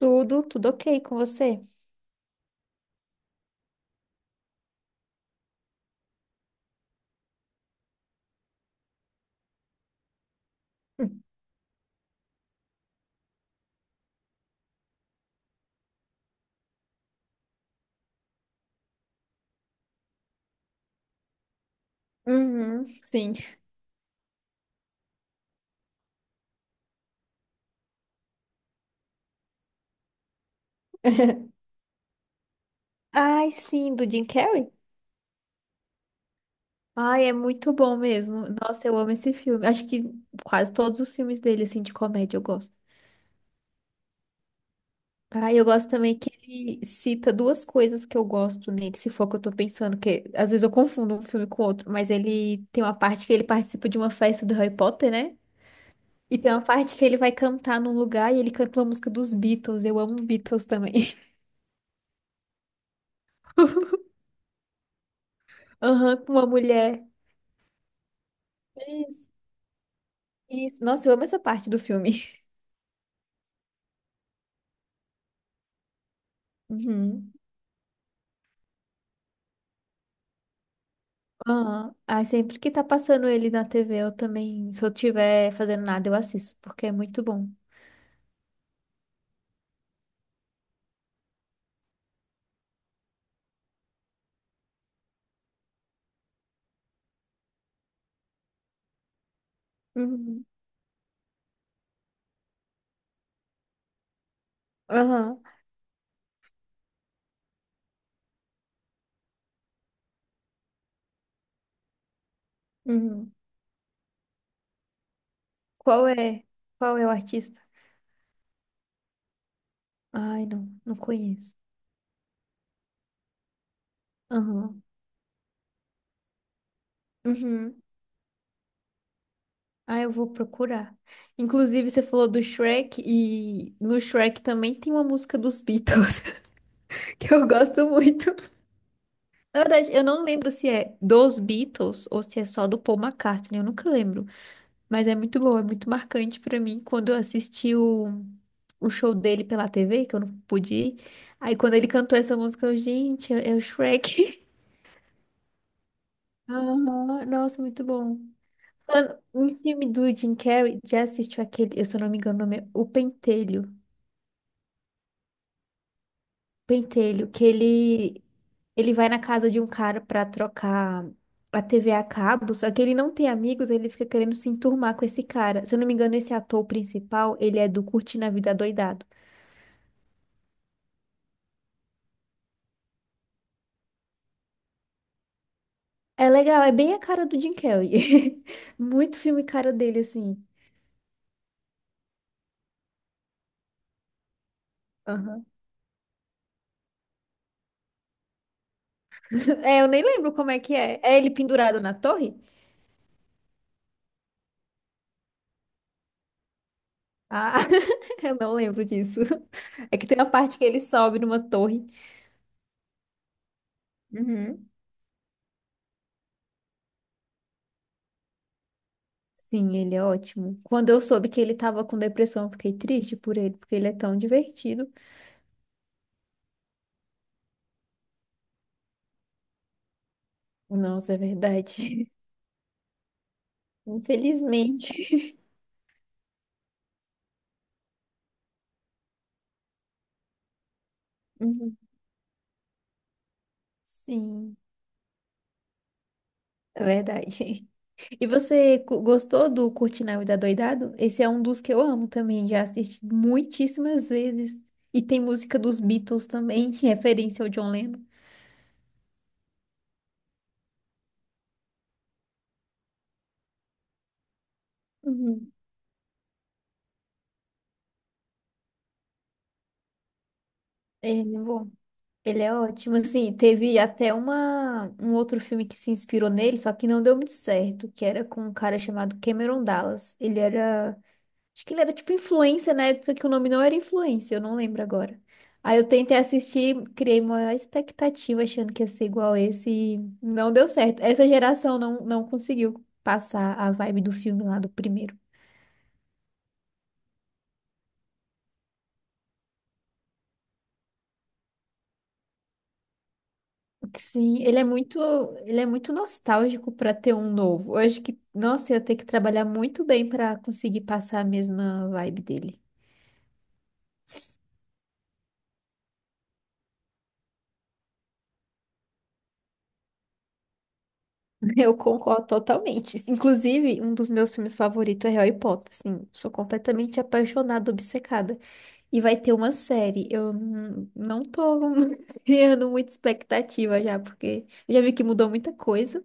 Tudo, ok com você? Hum. Uhum, sim. Ai, sim, do Jim Carrey? Ai, é muito bom mesmo. Nossa, eu amo esse filme. Acho que quase todos os filmes dele, assim, de comédia eu gosto. Ai, eu gosto também que ele cita duas coisas que eu gosto nele, se for o que eu tô pensando, que às vezes eu confundo um filme com outro, mas ele tem uma parte que ele participa de uma festa do Harry Potter, né? E tem uma parte que ele vai cantar num lugar e ele canta uma música dos Beatles. Eu amo Beatles também. Aham, com uma mulher. Isso. Nossa, eu amo essa parte do filme. Uhum. Aham. Ah, sempre que tá passando ele na TV, eu também, se eu tiver fazendo nada, eu assisto, porque é muito bom. Uhum. Aham. Uhum. Qual é? Qual é o artista? Ai, não, não conheço. Aham. Uhum. Ah, eu vou procurar. Inclusive, você falou do Shrek e no Shrek também tem uma música dos Beatles que eu gosto muito. Na verdade, eu não lembro se é dos Beatles ou se é só do Paul McCartney, eu nunca lembro. Mas é muito bom, é muito marcante pra mim quando eu assisti o show dele pela TV, que eu não pude ir. Aí quando ele cantou essa música, eu, gente, é, é o Shrek. Aham, nossa, muito bom. Falando em filme do Jim Carrey, já assistiu aquele? Eu, se eu não me engano, o nome é O Pentelho. Pentelho, que ele vai na casa de um cara pra trocar a TV a cabo, só que ele não tem amigos, ele fica querendo se enturmar com esse cara. Se eu não me engano, esse ator principal, ele é do Curtindo a Vida Doidado. É legal, é bem a cara do Jim Carrey. Muito filme cara dele, assim. Aham. É, eu nem lembro como é que é. É ele pendurado na torre? Ah, eu não lembro disso. É que tem uma parte que ele sobe numa torre. Uhum. Sim, ele é ótimo. Quando eu soube que ele tava com depressão, eu fiquei triste por ele, porque ele é tão divertido. Nossa, é verdade. Infelizmente. Uhum. Sim, é verdade. E você gostou do Curtindo a Vida Doidado? Esse é um dos que eu amo também, já assisti muitíssimas vezes. E tem música dos Beatles também, em referência ao John Lennon. Uhum. Ele, é bom. Ele é ótimo. Assim, teve até uma, um outro filme que se inspirou nele, só que não deu muito certo, que era com um cara chamado Cameron Dallas. Ele era... Acho que ele era tipo influência na época que o nome não era influência, eu não lembro agora. Aí eu tentei assistir, criei uma expectativa achando que ia ser igual esse e não deu certo. Essa geração não, não conseguiu passar a vibe do filme lá do primeiro. Sim, ele é muito nostálgico para ter um novo. Eu acho que, nossa, eu ia ter que trabalhar muito bem para conseguir passar a mesma vibe dele. Eu concordo totalmente. Inclusive, um dos meus filmes favoritos é Harry Potter. Sim, sou completamente apaixonada, obcecada. E vai ter uma série. Eu não tô criando muita expectativa já, porque eu já vi que mudou muita coisa.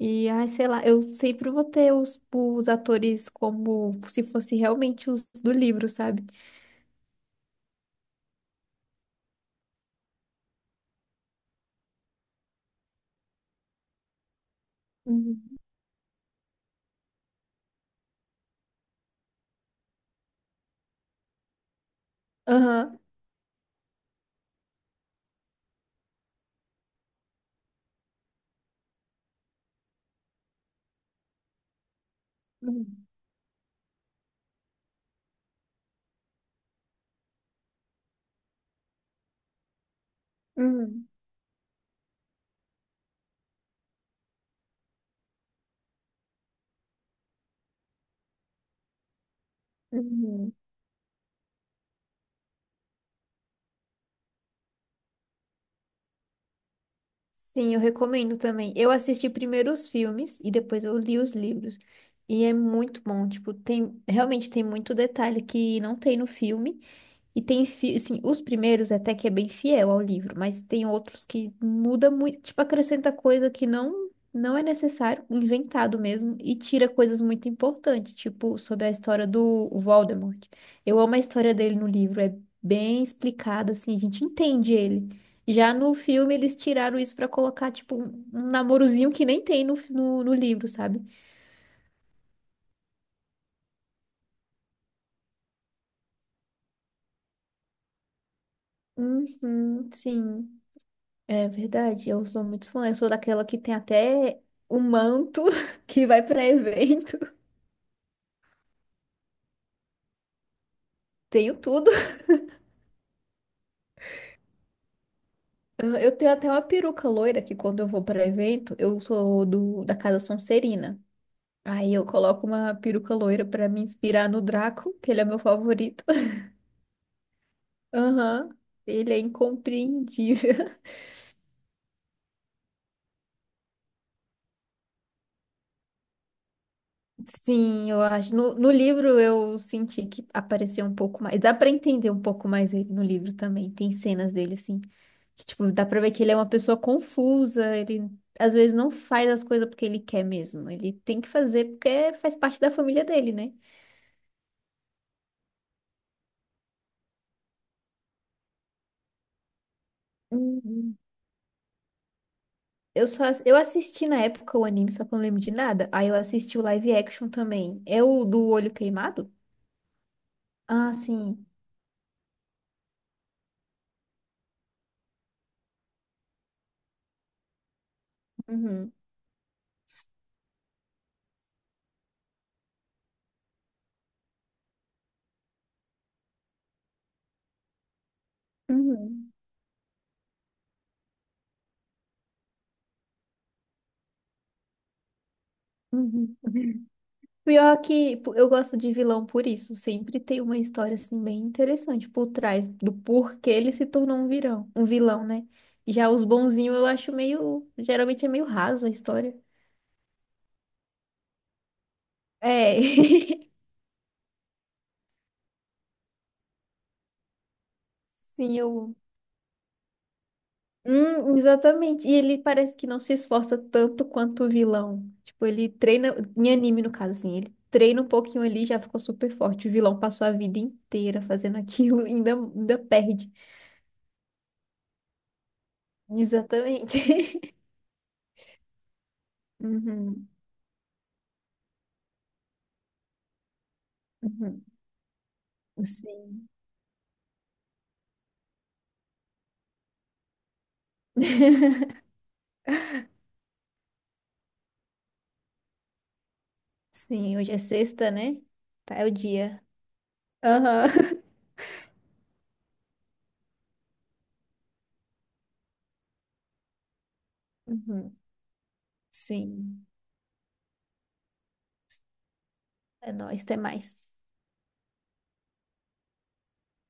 E, ai, sei lá, eu sempre vou ter os atores como se fosse realmente os do livro, sabe? Uhum. Aham. Uhum. Uhum. Uhum. Sim, eu recomendo também. Eu assisti primeiro os filmes e depois eu li os livros. E é muito bom, tipo, tem, realmente tem muito detalhe que não tem no filme. E tem, assim, os primeiros até que é bem fiel ao livro, mas tem outros que muda muito, tipo, acrescenta coisa que não é necessário, inventado mesmo, e tira coisas muito importantes, tipo, sobre a história do Voldemort. Eu amo a história dele no livro, é bem explicada, assim, a gente entende ele. Já no filme eles tiraram isso pra colocar, tipo, um namorozinho que nem tem no, no livro, sabe? Uhum, sim. É verdade, eu sou muito fã. Eu sou daquela que tem até o manto que vai pra evento. Tenho tudo. Eu tenho até uma peruca loira que quando eu vou pra evento, eu sou da Casa Sonserina. Aí eu coloco uma peruca loira pra me inspirar no Draco, que ele é meu favorito. Aham, ele é incompreendível. Sim, eu acho. No livro eu senti que apareceu um pouco mais. Dá pra entender um pouco mais ele no livro também. Tem cenas dele, assim, que, tipo, dá pra ver que ele é uma pessoa confusa. Ele, às vezes, não faz as coisas porque ele quer mesmo. Ele tem que fazer porque faz parte da família dele, né? Uhum. Eu assisti na época o anime, só que eu não lembro de nada. Aí eu assisti o live action também. É o do olho queimado? Ah, sim. Uhum. Uhum. Uhum. Pior que pô, eu gosto de vilão por isso. Sempre tem uma história assim bem interessante por trás do porquê ele se tornou um vilão, né? Já os bonzinhos eu acho meio, geralmente é meio raso a história. É. Sim, eu. Exatamente. E ele parece que não se esforça tanto quanto o vilão. Tipo, ele treina, em anime no caso, assim, ele treina um pouquinho ali e já ficou super forte. O vilão passou a vida inteira fazendo aquilo e ainda, perde. Exatamente. Uhum. Uhum. Sim. Sim, hoje é sexta, né? Tá, é o dia. Aham. Uhum. Sim. É nóis, até mais.